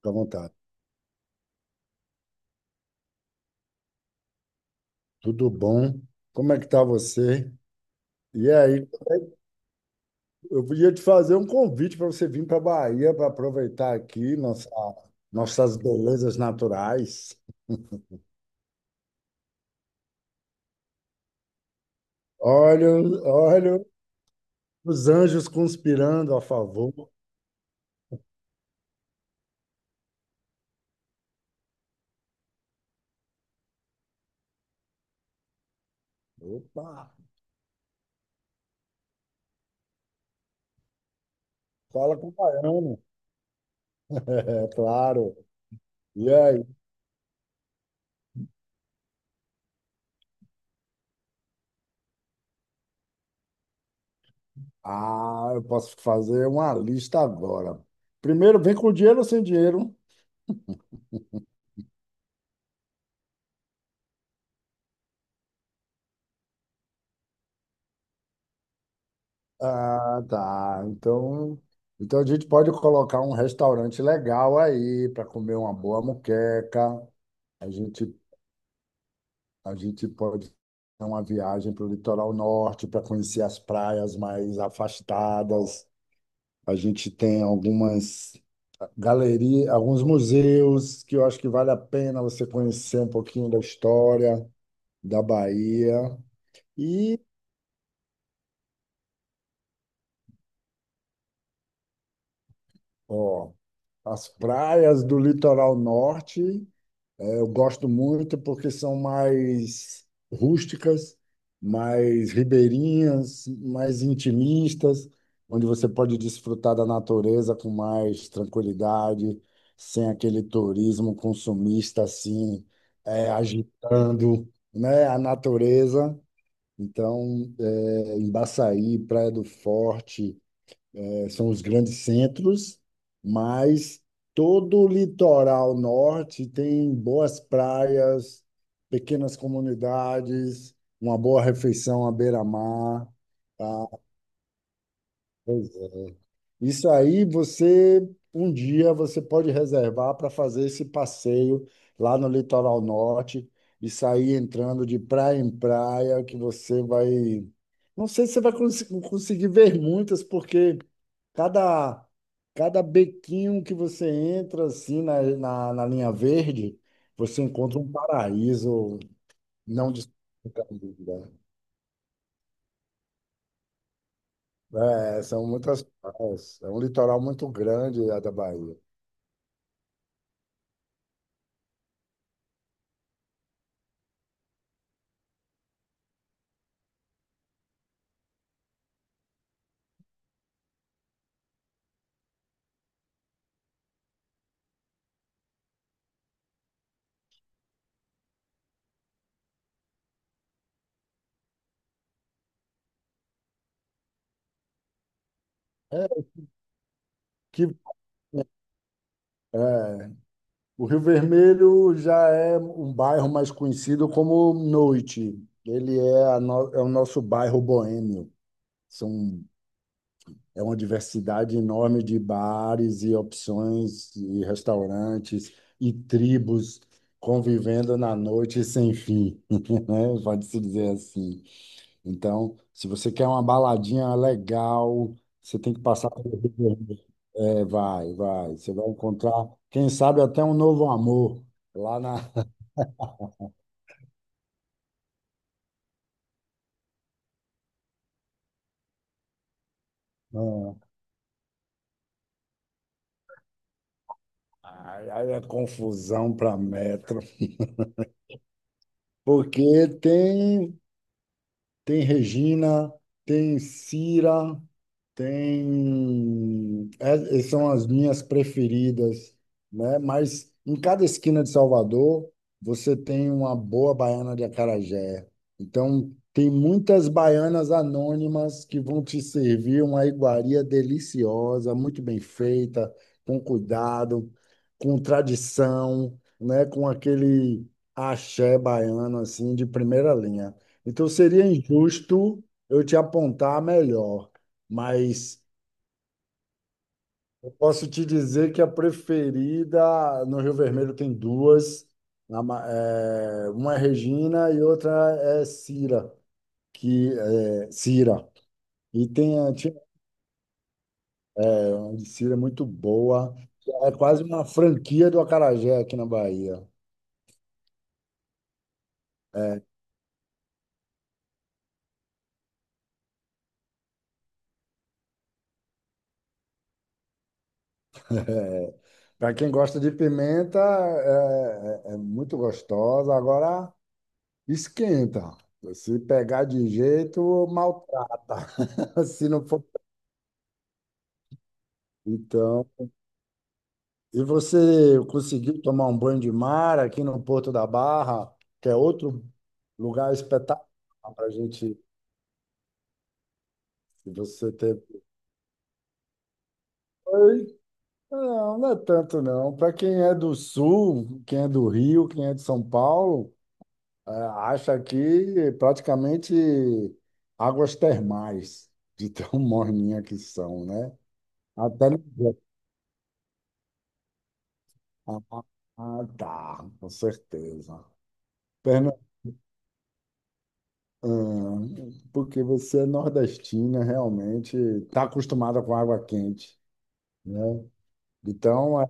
Fica à vontade. Tudo bom? Como é que tá você? E aí, eu podia te fazer um convite para você vir para a Bahia para aproveitar nossas belezas naturais. Olha, olha os anjos conspirando a favor. Opa, fala com o baiano. É claro. E aí? Ah, eu posso fazer uma lista agora. Primeiro, vem com dinheiro ou sem dinheiro? Ah, tá. Então, a gente pode colocar um restaurante legal aí para comer uma boa moqueca. A gente, a gente pode fazer uma viagem para o litoral norte para conhecer as praias mais afastadas. A gente tem algumas galerias, alguns museus que eu acho que vale a pena você conhecer um pouquinho da história da Bahia. E, ó, as praias do litoral norte. É, eu gosto muito porque são mais rústicas, mais ribeirinhas, mais intimistas, onde você pode desfrutar da natureza com mais tranquilidade, sem aquele turismo consumista assim, agitando, né, a natureza. Então, em Baçaí, Praia do Forte, é, são os grandes centros, mas todo o litoral norte tem boas praias, pequenas comunidades, uma boa refeição à beira-mar. Tá? Pois é. Isso aí você um dia você pode reservar para fazer esse passeio lá no litoral norte e sair entrando de praia em praia, que você vai, não sei se você vai conseguir ver muitas, porque cada cada bequinho que você entra assim na linha verde, você encontra um paraíso não desconhecido. Né? É, são muitas praias. É um litoral muito grande a da Bahia. É, que é, o Rio Vermelho já é um bairro mais conhecido como noite. Ele é, a no- é o nosso bairro boêmio. São, é uma diversidade enorme de bares e opções e restaurantes e tribos convivendo na noite sem fim, né? Pode-se dizer assim. Então, se você quer uma baladinha legal, você tem que passar pelo Rio Vermelho. É, vai, vai. Você vai encontrar, quem sabe, até um novo amor lá na. Ah, aí é confusão para metro. Porque tem, tem Regina, tem Cira. Tem, são as minhas preferidas, né? Mas em cada esquina de Salvador, você tem uma boa baiana de acarajé. Então, tem muitas baianas anônimas que vão te servir uma iguaria deliciosa, muito bem feita, com cuidado, com tradição, né? Com aquele axé baiano, assim, de primeira linha. Então, seria injusto eu te apontar a melhor. Mas eu posso te dizer que a preferida no Rio Vermelho tem duas. É, uma é Regina e outra é Cira, que é Cira. E tem a tinha uma de Cira muito boa. Que é quase uma franquia do acarajé aqui na Bahia. Para quem gosta de pimenta, é muito gostosa. Agora esquenta. Se pegar de jeito, maltrata. Se não for. Então, e você conseguiu tomar um banho de mar aqui no Porto da Barra, que é outro lugar espetacular para a gente, se você teve. Oi? Não, não é tanto não. Para quem é do Sul, quem é do Rio, quem é de São Paulo, é, acha aqui praticamente águas termais, de tão morninha que são, né? Até no... Ah, ah, tá, com certeza. Ah, porque você é nordestina, realmente está acostumada com água quente, né? Então, é.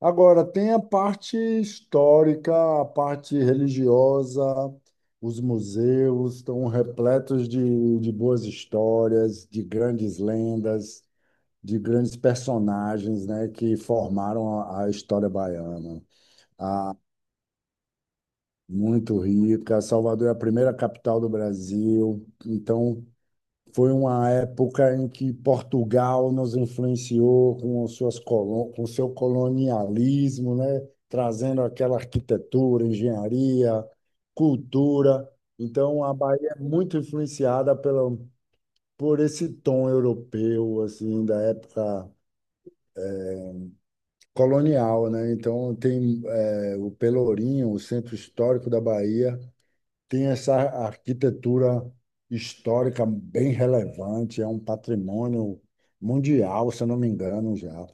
Agora, tem a parte histórica, a parte religiosa, os museus estão repletos de boas histórias, de grandes lendas, de grandes personagens, né, que formaram a história baiana. Ah, muito rica. Salvador é a primeira capital do Brasil, então foi uma época em que Portugal nos influenciou com com seu colonialismo, né? Trazendo aquela arquitetura, engenharia, cultura. Então, a Bahia é muito influenciada por esse tom europeu, assim, da época colonial, né? Então, tem o Pelourinho, o centro histórico da Bahia. Tem essa arquitetura histórica bem relevante, é um patrimônio mundial, se eu não me engano, já.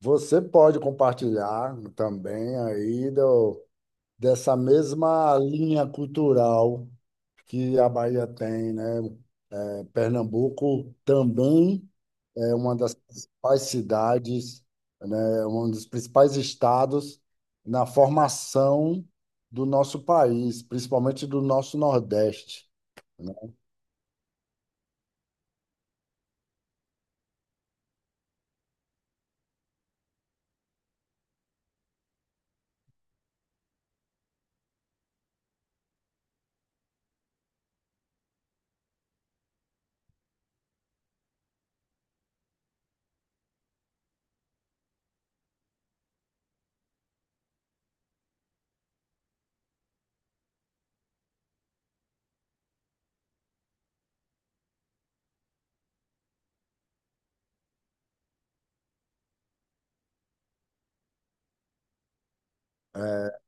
Você pode compartilhar também aí dessa mesma linha cultural que a Bahia tem, né? É, Pernambuco também é uma das principais cidades, né? É um dos principais estados na formação do nosso país, principalmente do nosso Nordeste. É,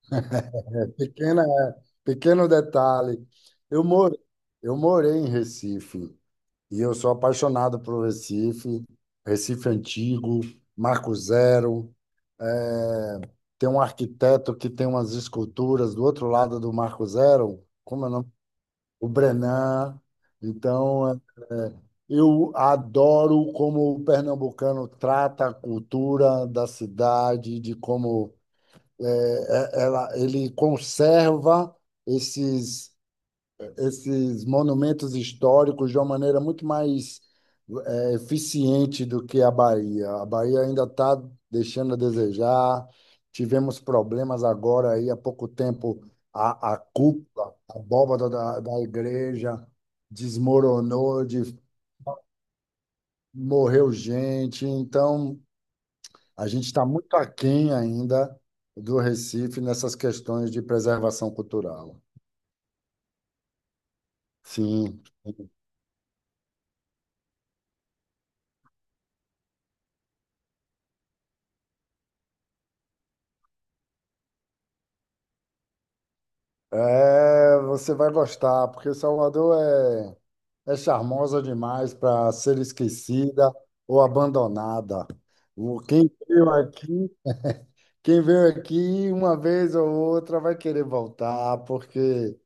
pequena, é, pequeno detalhe. Eu moro, eu morei em Recife e eu sou apaixonado por Recife, Recife antigo, Marco Zero. É, tem um arquiteto que tem umas esculturas do outro lado do Marco Zero, como é o nome? O Brenan. Então, é, eu adoro como o pernambucano trata a cultura da cidade, de como é, ele conserva esses, esses monumentos históricos de uma maneira muito mais eficiente do que a Bahia. A Bahia ainda está deixando a desejar. Tivemos problemas agora aí há pouco tempo a cúpula, a abóbada da igreja desmoronou, de, morreu gente. Então a gente está muito aquém ainda do Recife nessas questões de preservação cultural. Sim. É, você vai gostar, porque Salvador é, é charmosa demais para ser esquecida ou abandonada. O- Quem veio aqui, quem veio aqui uma vez ou outra vai querer voltar, porque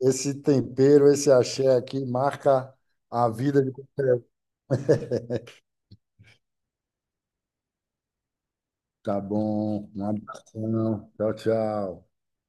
esse tempero, esse axé aqui marca a vida de qualquer um. Tá bom, um abração. Tchau, tchau.